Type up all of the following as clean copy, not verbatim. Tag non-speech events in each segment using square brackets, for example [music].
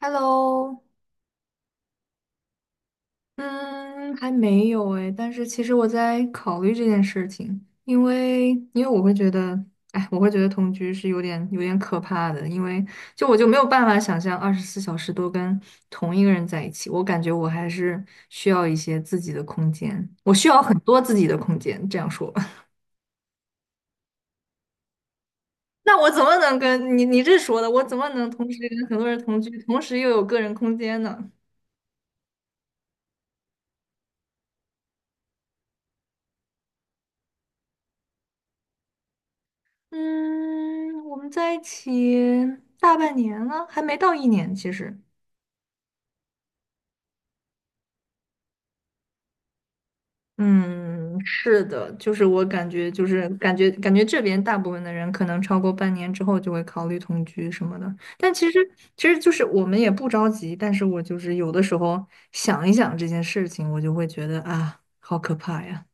Hello，嗯，还没有哎，但是其实我在考虑这件事情，因为我会觉得，哎，我会觉得同居是有点可怕的，因为我就没有办法想象24小时都跟同一个人在一起，我感觉我还是需要一些自己的空间，我需要很多自己的空间，这样说吧。[laughs] 那我怎么能跟你这说的，我怎么能同时跟很多人同居，同时又有个人空间呢？嗯，我们在一起大半年了，还没到一年，其实。嗯，是的，就是我感觉，感觉这边大部分的人可能超过半年之后就会考虑同居什么的。但其实，其实就是我们也不着急，但是我就是有的时候想一想这件事情，我就会觉得啊，好可怕呀！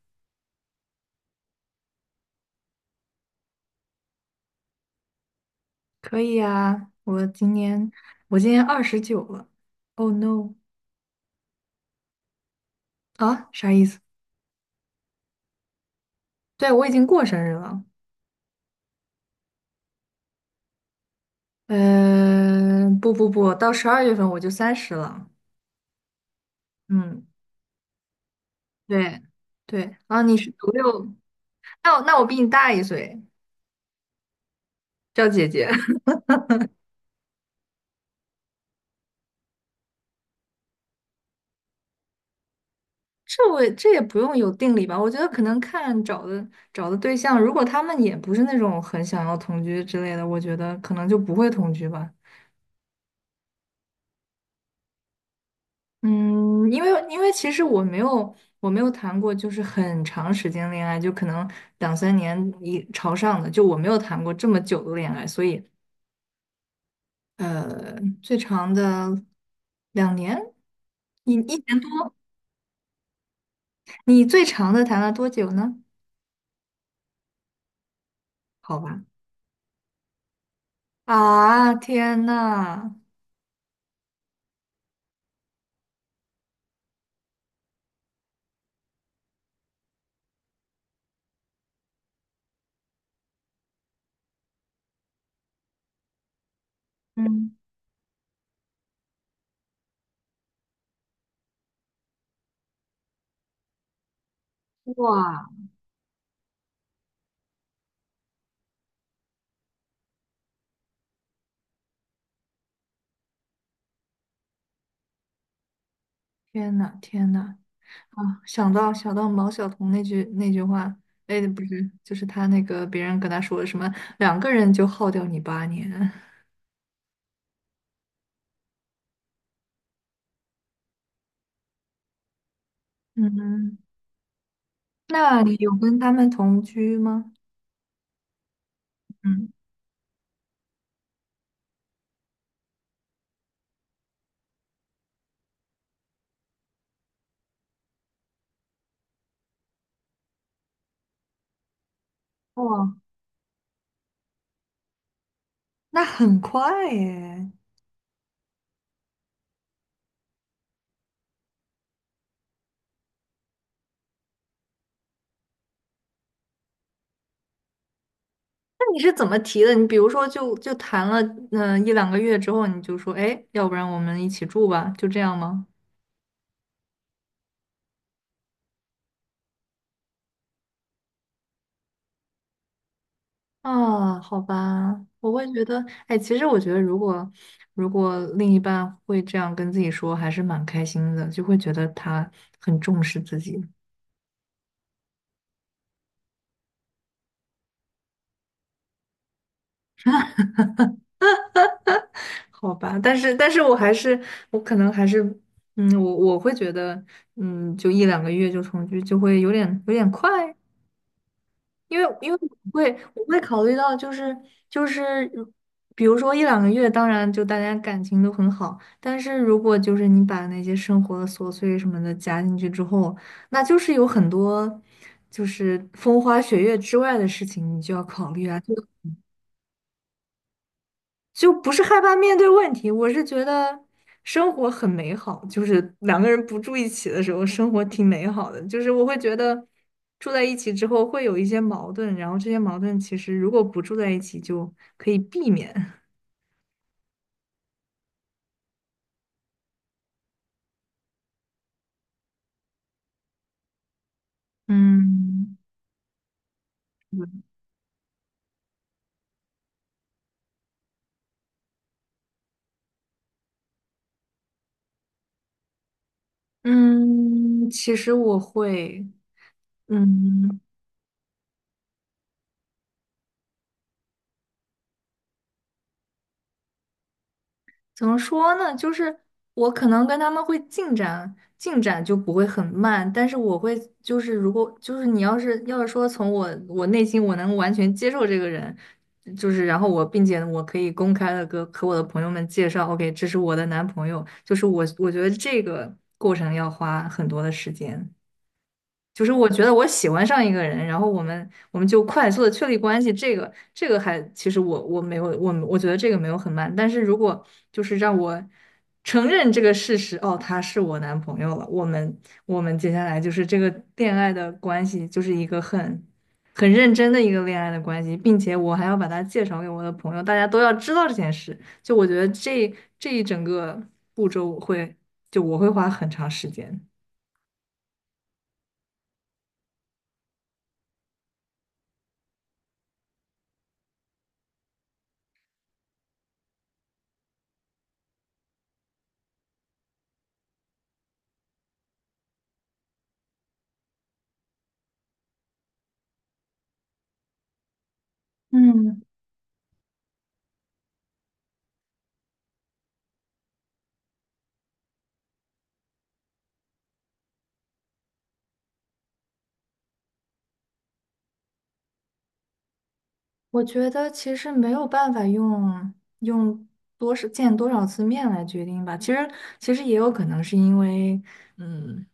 可以呀，我今年29了。Oh no！啊，啥意思？对，我已经过生日了。嗯，不不不，到12月份我就30了。嗯，对对，啊，你是九六，那我比你大一岁，叫姐姐。[laughs] 这也不用有定理吧？我觉得可能看找的对象，如果他们也不是那种很想要同居之类的，我觉得可能就不会同居吧。嗯，因为其实我没有谈过就是很长时间恋爱，就可能两三年一朝上的，就我没有谈过这么久的恋爱，所以。呃，最长的2年，你一年多，你最长的谈了多久呢？好吧，啊，天呐，嗯，哇，天呐，天呐，啊，想到毛晓彤那句话，哎，不是，就是他那个别人跟他说什么，两个人就耗掉你8年，嗯，那你有跟他们同居吗？嗯，哇，那很快耶。那你是怎么提的？你比如说就谈了一两个月之后，你就说，哎，要不然我们一起住吧，就这样吗？啊，好吧，我会觉得，哎，其实我觉得，如果另一半会这样跟自己说，还是蛮开心的，就会觉得他很重视自己，好吧？但是我还是，我可能还是，嗯，我会觉得，嗯，就一两个月就重聚，就会有点快，因为我会考虑到就是就是如比如说一两个月，当然就大家感情都很好，但是如果就是你把那些生活的琐碎什么的加进去之后，那就是有很多就是风花雪月之外的事情，你就要考虑啊。就不是害怕面对问题，我是觉得生活很美好，就是两个人不住一起的时候，生活挺美好的。就是我会觉得住在一起之后会有一些矛盾，然后这些矛盾其实如果不住在一起就可以避免。嗯嗯，其实我会，嗯。怎么说呢？就是我可能跟他们会进展就不会很慢，但是我会就是如果就是你要是说从我内心我能完全接受这个人，就是然后我并且我可以公开的跟和我的朋友们介绍，OK，这是我的男朋友，就是我觉得这个过程要花很多的时间。就是我觉得我喜欢上一个人，然后我们就快速的确立关系，这个还其实我觉得这个没有很慢，但是如果就是让我承认这个事实，哦，他是我男朋友了，我们接下来就是这个恋爱的关系就是一个很认真的一个恋爱的关系，并且我还要把他介绍给我的朋友，大家都要知道这件事，就我觉得这一整个步骤我会花很长时间。嗯，我觉得其实没有办法用多少见多少次面来决定吧。其实也有可能是因为，嗯，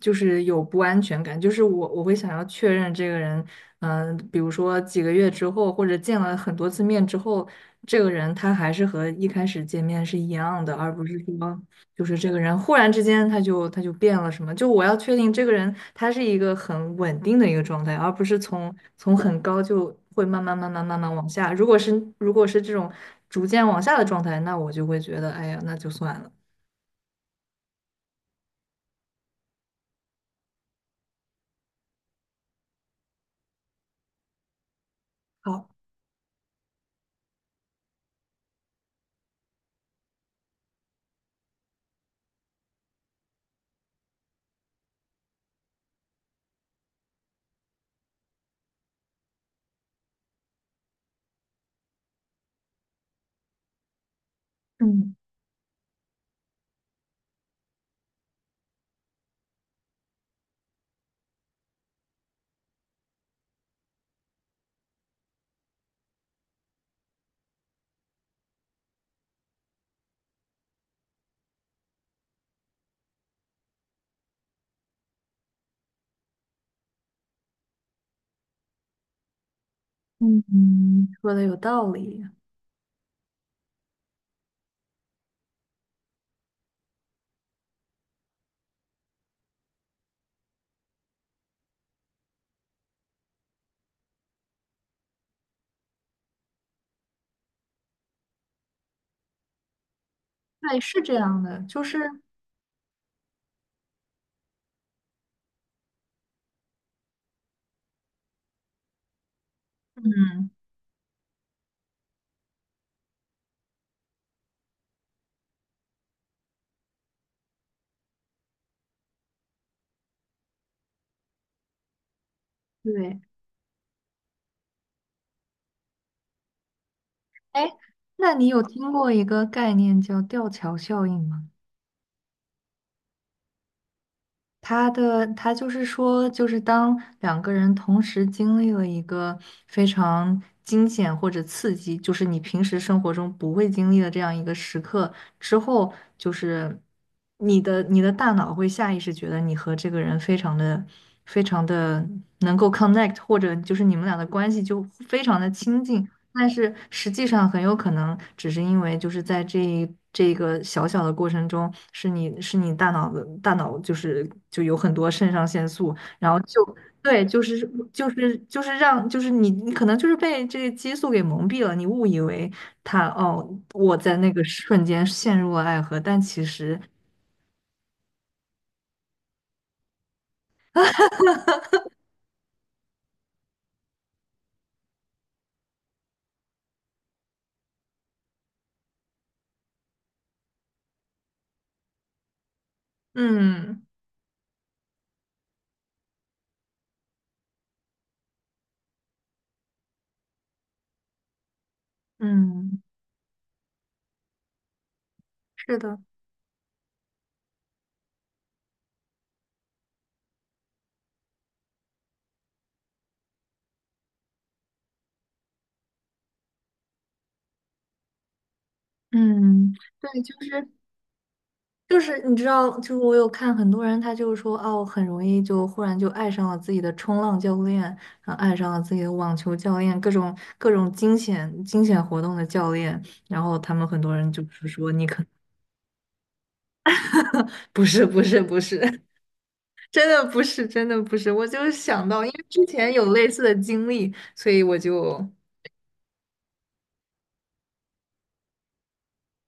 就是有不安全感，就是我会想要确认这个人，比如说几个月之后，或者见了很多次面之后，这个人他还是和一开始见面是一样的，而不是说就是这个人忽然之间他就变了什么？就我要确定这个人他是一个很稳定的一个状态，而不是从很高就会慢慢慢慢慢慢往下。如果是这种逐渐往下的状态，那我就会觉得，哎呀，那就算了。好，嗯嗯，嗯，说的有道理，对，是这样的，就是嗯，对，哎，那你有听过一个概念叫吊桥效应吗？他就是说，就是当两个人同时经历了一个非常惊险或者刺激，就是你平时生活中不会经历的这样一个时刻之后，就是你的大脑会下意识觉得你和这个人非常的能够 connect，或者就是你们俩的关系就非常的亲近，但是实际上很有可能只是因为就是在这个小小的过程中，是你大脑就有很多肾上腺素，然后就对，就是让就是你可能就是被这个激素给蒙蔽了，你误以为他哦我在那个瞬间陷入了爱河，但其实，嗯嗯，是的。嗯，对，就是你知道，就是我有看很多人，他就是说，哦，很容易就忽然就爱上了自己的冲浪教练，然后爱上了自己的网球教练，各种惊险活动的教练，然后他们很多人就是说，你可 [laughs] 能不是不是不是，[laughs] 真的不是真的不是，我就是想到，因为之前有类似的经历，所以我就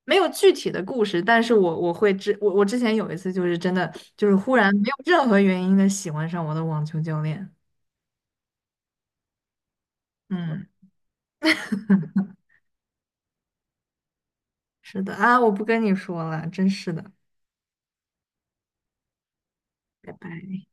没有具体的故事，但是我之前有一次就是真的就是忽然没有任何原因的喜欢上我的网球教练，嗯。是的啊，我不跟你说了，真是的，拜拜。